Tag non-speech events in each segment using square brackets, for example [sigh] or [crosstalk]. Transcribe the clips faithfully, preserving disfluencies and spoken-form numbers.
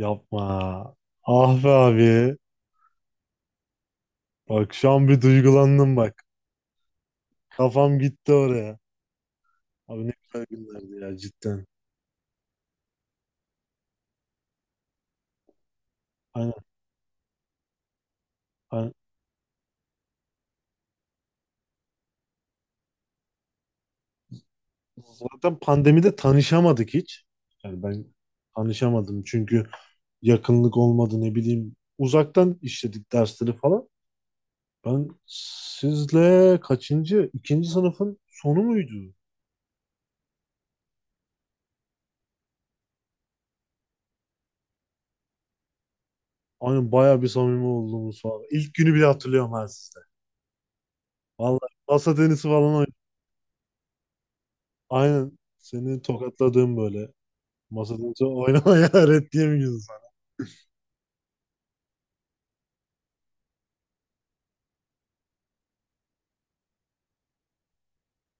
Yapma. Ah be abi. Bak şu an bir duygulandım bak. Kafam gitti oraya. Abi ne güzel günlerdi ya cidden. Aynen, aynen. Zaten pandemide tanışamadık hiç. Yani ben tanışamadım çünkü yakınlık olmadı ne bileyim. Uzaktan işledik dersleri falan. Ben sizle kaçıncı? İkinci sınıfın sonu muydu? Aynen bayağı bir samimi olduğumuz falan. İlk günü bile hatırlıyorum ben sizle. Vallahi masa tenisi falan. Aynen seni tokatladığım böyle. Masadan sonra oynamaya [laughs] öğret diye mi?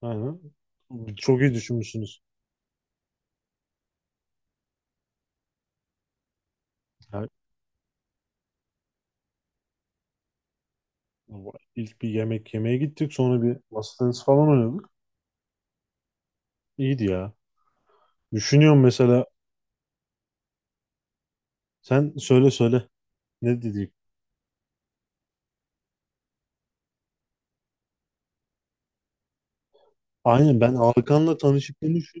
Aynen. Çok iyi düşünmüşsünüz. Yani ilk bir yemek yemeye gittik, sonra bir masa tenisi falan oynadık. İyiydi ya. Düşünüyorum mesela, sen söyle söyle, ne dedik. Aynen, ben Hakan'la tanışıklığımı şu-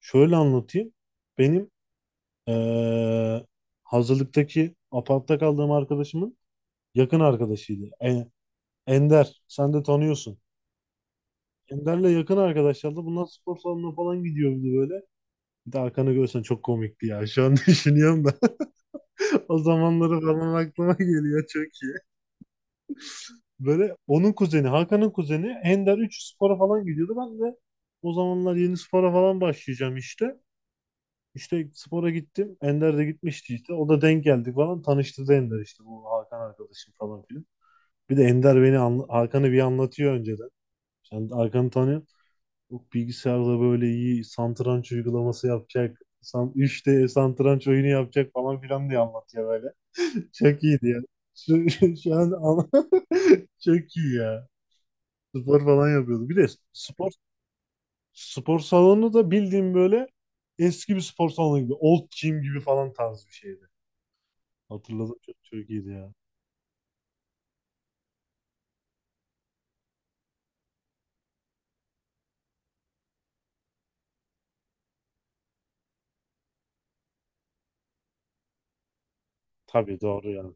şöyle anlatayım. Benim eee, hazırlıktaki apartta kaldığım arkadaşımın yakın arkadaşıydı. E- Ender sen de tanıyorsun. Ender'le yakın arkadaşlardı. Bunlar spor salonuna falan gidiyordu böyle. Bir de arkanı görsen çok komikti ya. Şu an [laughs] düşünüyorum da. [laughs] O zamanları falan aklıma geliyor çok iyi. Böyle onun kuzeni, Hakan'ın kuzeni Ender üç spora falan gidiyordu. Ben de o zamanlar yeni spora falan başlayacağım işte. İşte spora gittim. Ender de gitmişti işte. O da denk geldik falan. Tanıştı da Ender işte bu Hakan arkadaşım falan filan. Bir de Ender beni anla- Hakan'ı bir anlatıyor önceden. Sen Hakan'ı tanıyorsun. Yok, bilgisayarda böyle iyi satranç uygulaması yapacak. San, üç D satranç oyunu yapacak falan filan diye anlatıyor böyle. [laughs] Çok iyiydi ya. Şu, [laughs] şu an an- [laughs] çok iyi ya. Spor falan yapıyordu. Bir de spor spor salonu da bildiğim böyle eski bir spor salonu gibi. Old gym gibi falan tarz bir şeydi. Hatırladım, çok, çok iyiydi ya. Tabii doğru yani.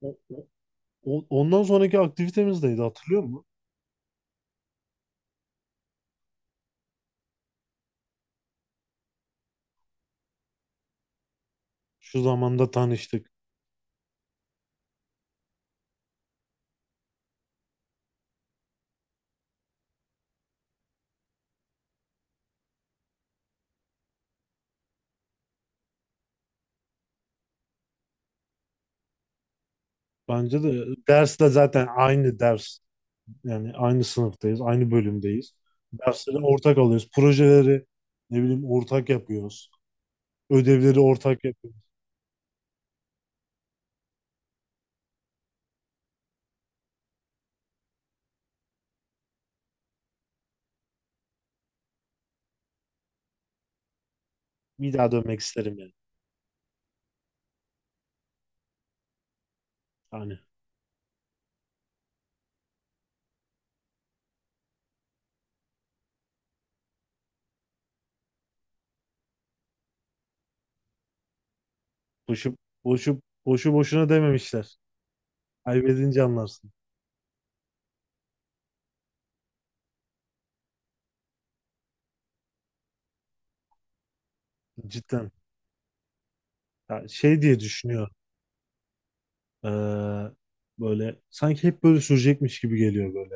O, o- o- Ondan sonraki aktivitemiz neydi hatırlıyor musun? Şu zamanda tanıştık. Bence de dersle zaten aynı ders. Yani aynı sınıftayız, aynı bölümdeyiz. Dersleri ortak alıyoruz. Projeleri ne bileyim ortak yapıyoruz. Ödevleri ortak yapıyoruz. Bir daha dönmek isterim yani. Yani boşu, boşu, boşu boşuna dememişler. Kaybedince anlarsın. Cidden. Ya şey diye düşünüyor. Ee, Böyle sanki hep böyle sürecekmiş gibi geliyor böyle.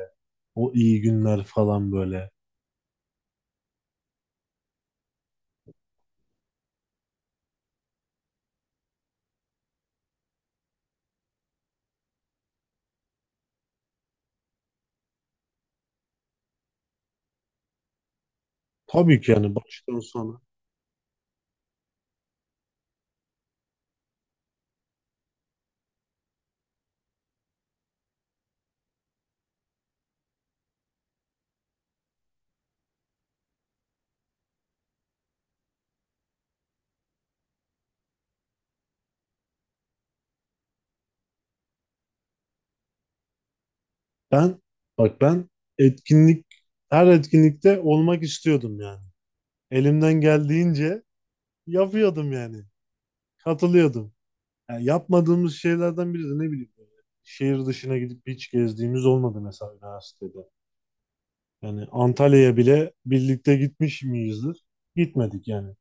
O iyi günler falan böyle. Tabii ki yani baştan sona. Ben bak, ben etkinlik her etkinlikte olmak istiyordum yani. Elimden geldiğince yapıyordum yani. Katılıyordum. Yani yapmadığımız şeylerden biri de ne bileyim böyle şehir dışına gidip hiç gezdiğimiz olmadı mesela üniversitede. Yani Antalya'ya bile birlikte gitmiş miyizdir? Gitmedik yani.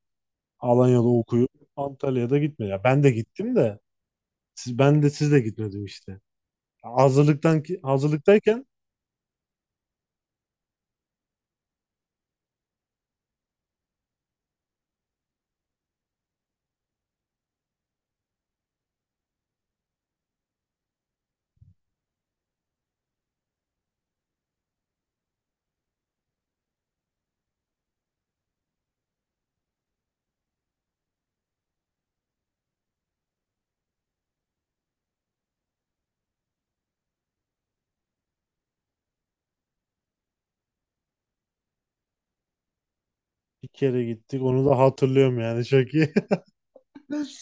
Alanya'da okuyup Antalya'da gitmedik. Ya ben de gittim de siz, ben de siz de gitmedim işte. Ya hazırlıktan ki, hazırlıktayken bir kere gittik. Onu da hatırlıyorum yani çok iyi. [laughs]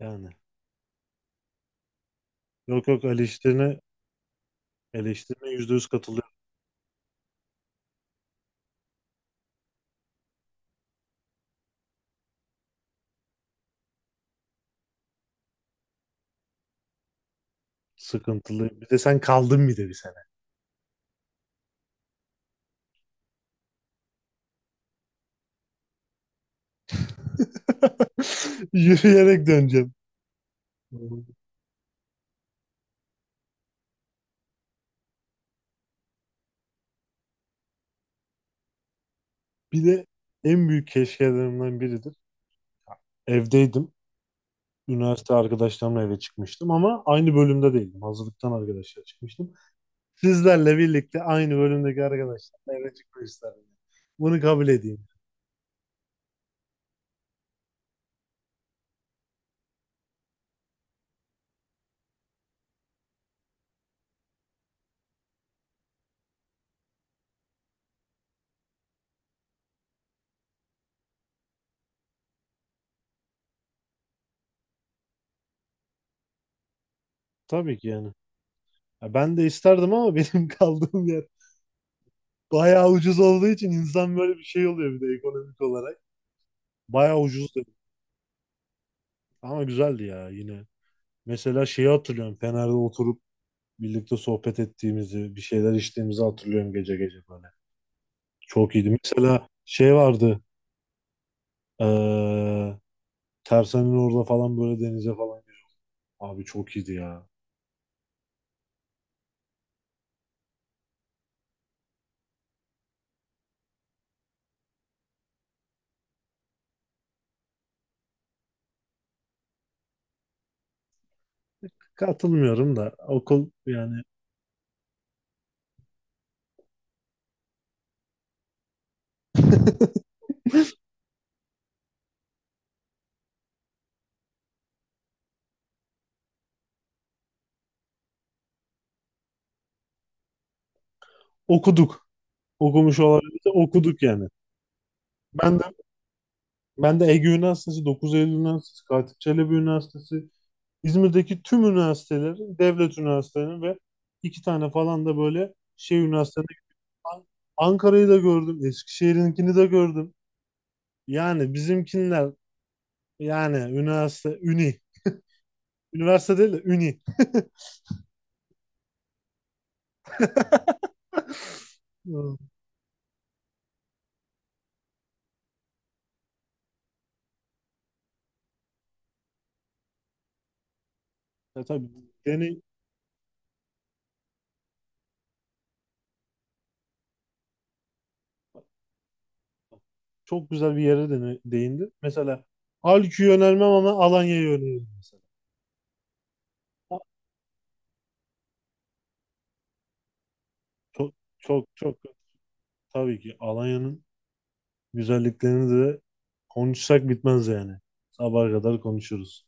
Yani yok yok, eleştirine eleştirine yüzde yüz katılıyorum. Sıkıntılı. Bir de sen kaldın bir de bir sene. [laughs] Yürüyerek döneceğim. Bir de en büyük keşkelerimden biridir. Evdeydim. Üniversite arkadaşlarımla eve çıkmıştım ama aynı bölümde değildim. Hazırlıktan arkadaşlar çıkmıştım. Sizlerle birlikte aynı bölümdeki arkadaşlarla eve çıkmak isterdim. Bunu kabul edeyim. Tabii ki yani. Ya ben de isterdim ama [laughs] benim kaldığım yer bayağı ucuz olduğu için insan böyle bir şey oluyor bir de ekonomik olarak. Bayağı ucuzdu. Ama güzeldi ya yine. Mesela şeyi hatırlıyorum. Fener'de oturup birlikte sohbet ettiğimizi, bir şeyler içtiğimizi hatırlıyorum gece gece böyle. Çok iyiydi. Mesela şey vardı. Eee Tersan'ın orada falan böyle denize falan girdik. Abi çok iyiydi ya. Katılmıyorum da okul yani okuduk. Okumuş olabiliriz de okuduk yani. Ben de ben de Ege Üniversitesi, dokuz Eylül Üniversitesi, Katip Çelebi Üniversitesi, İzmir'deki tüm üniversitelerin, devlet üniversitelerinin ve iki tane falan da böyle şey üniversitenin... An- Ankara'yı da gördüm. Eskişehir'inkini de gördüm. Yani bizimkiler yani üniversite, üni. Üniversite değil de üni. Hı. Ya tabii deney çok güzel bir yere dene- değindi. Mesela Halki'yi önermem ama Alanya'yı öneririm mesela. Çok çok çok tabii ki Alanya'nın güzelliklerini de konuşsak bitmez yani. Sabaha kadar konuşuruz.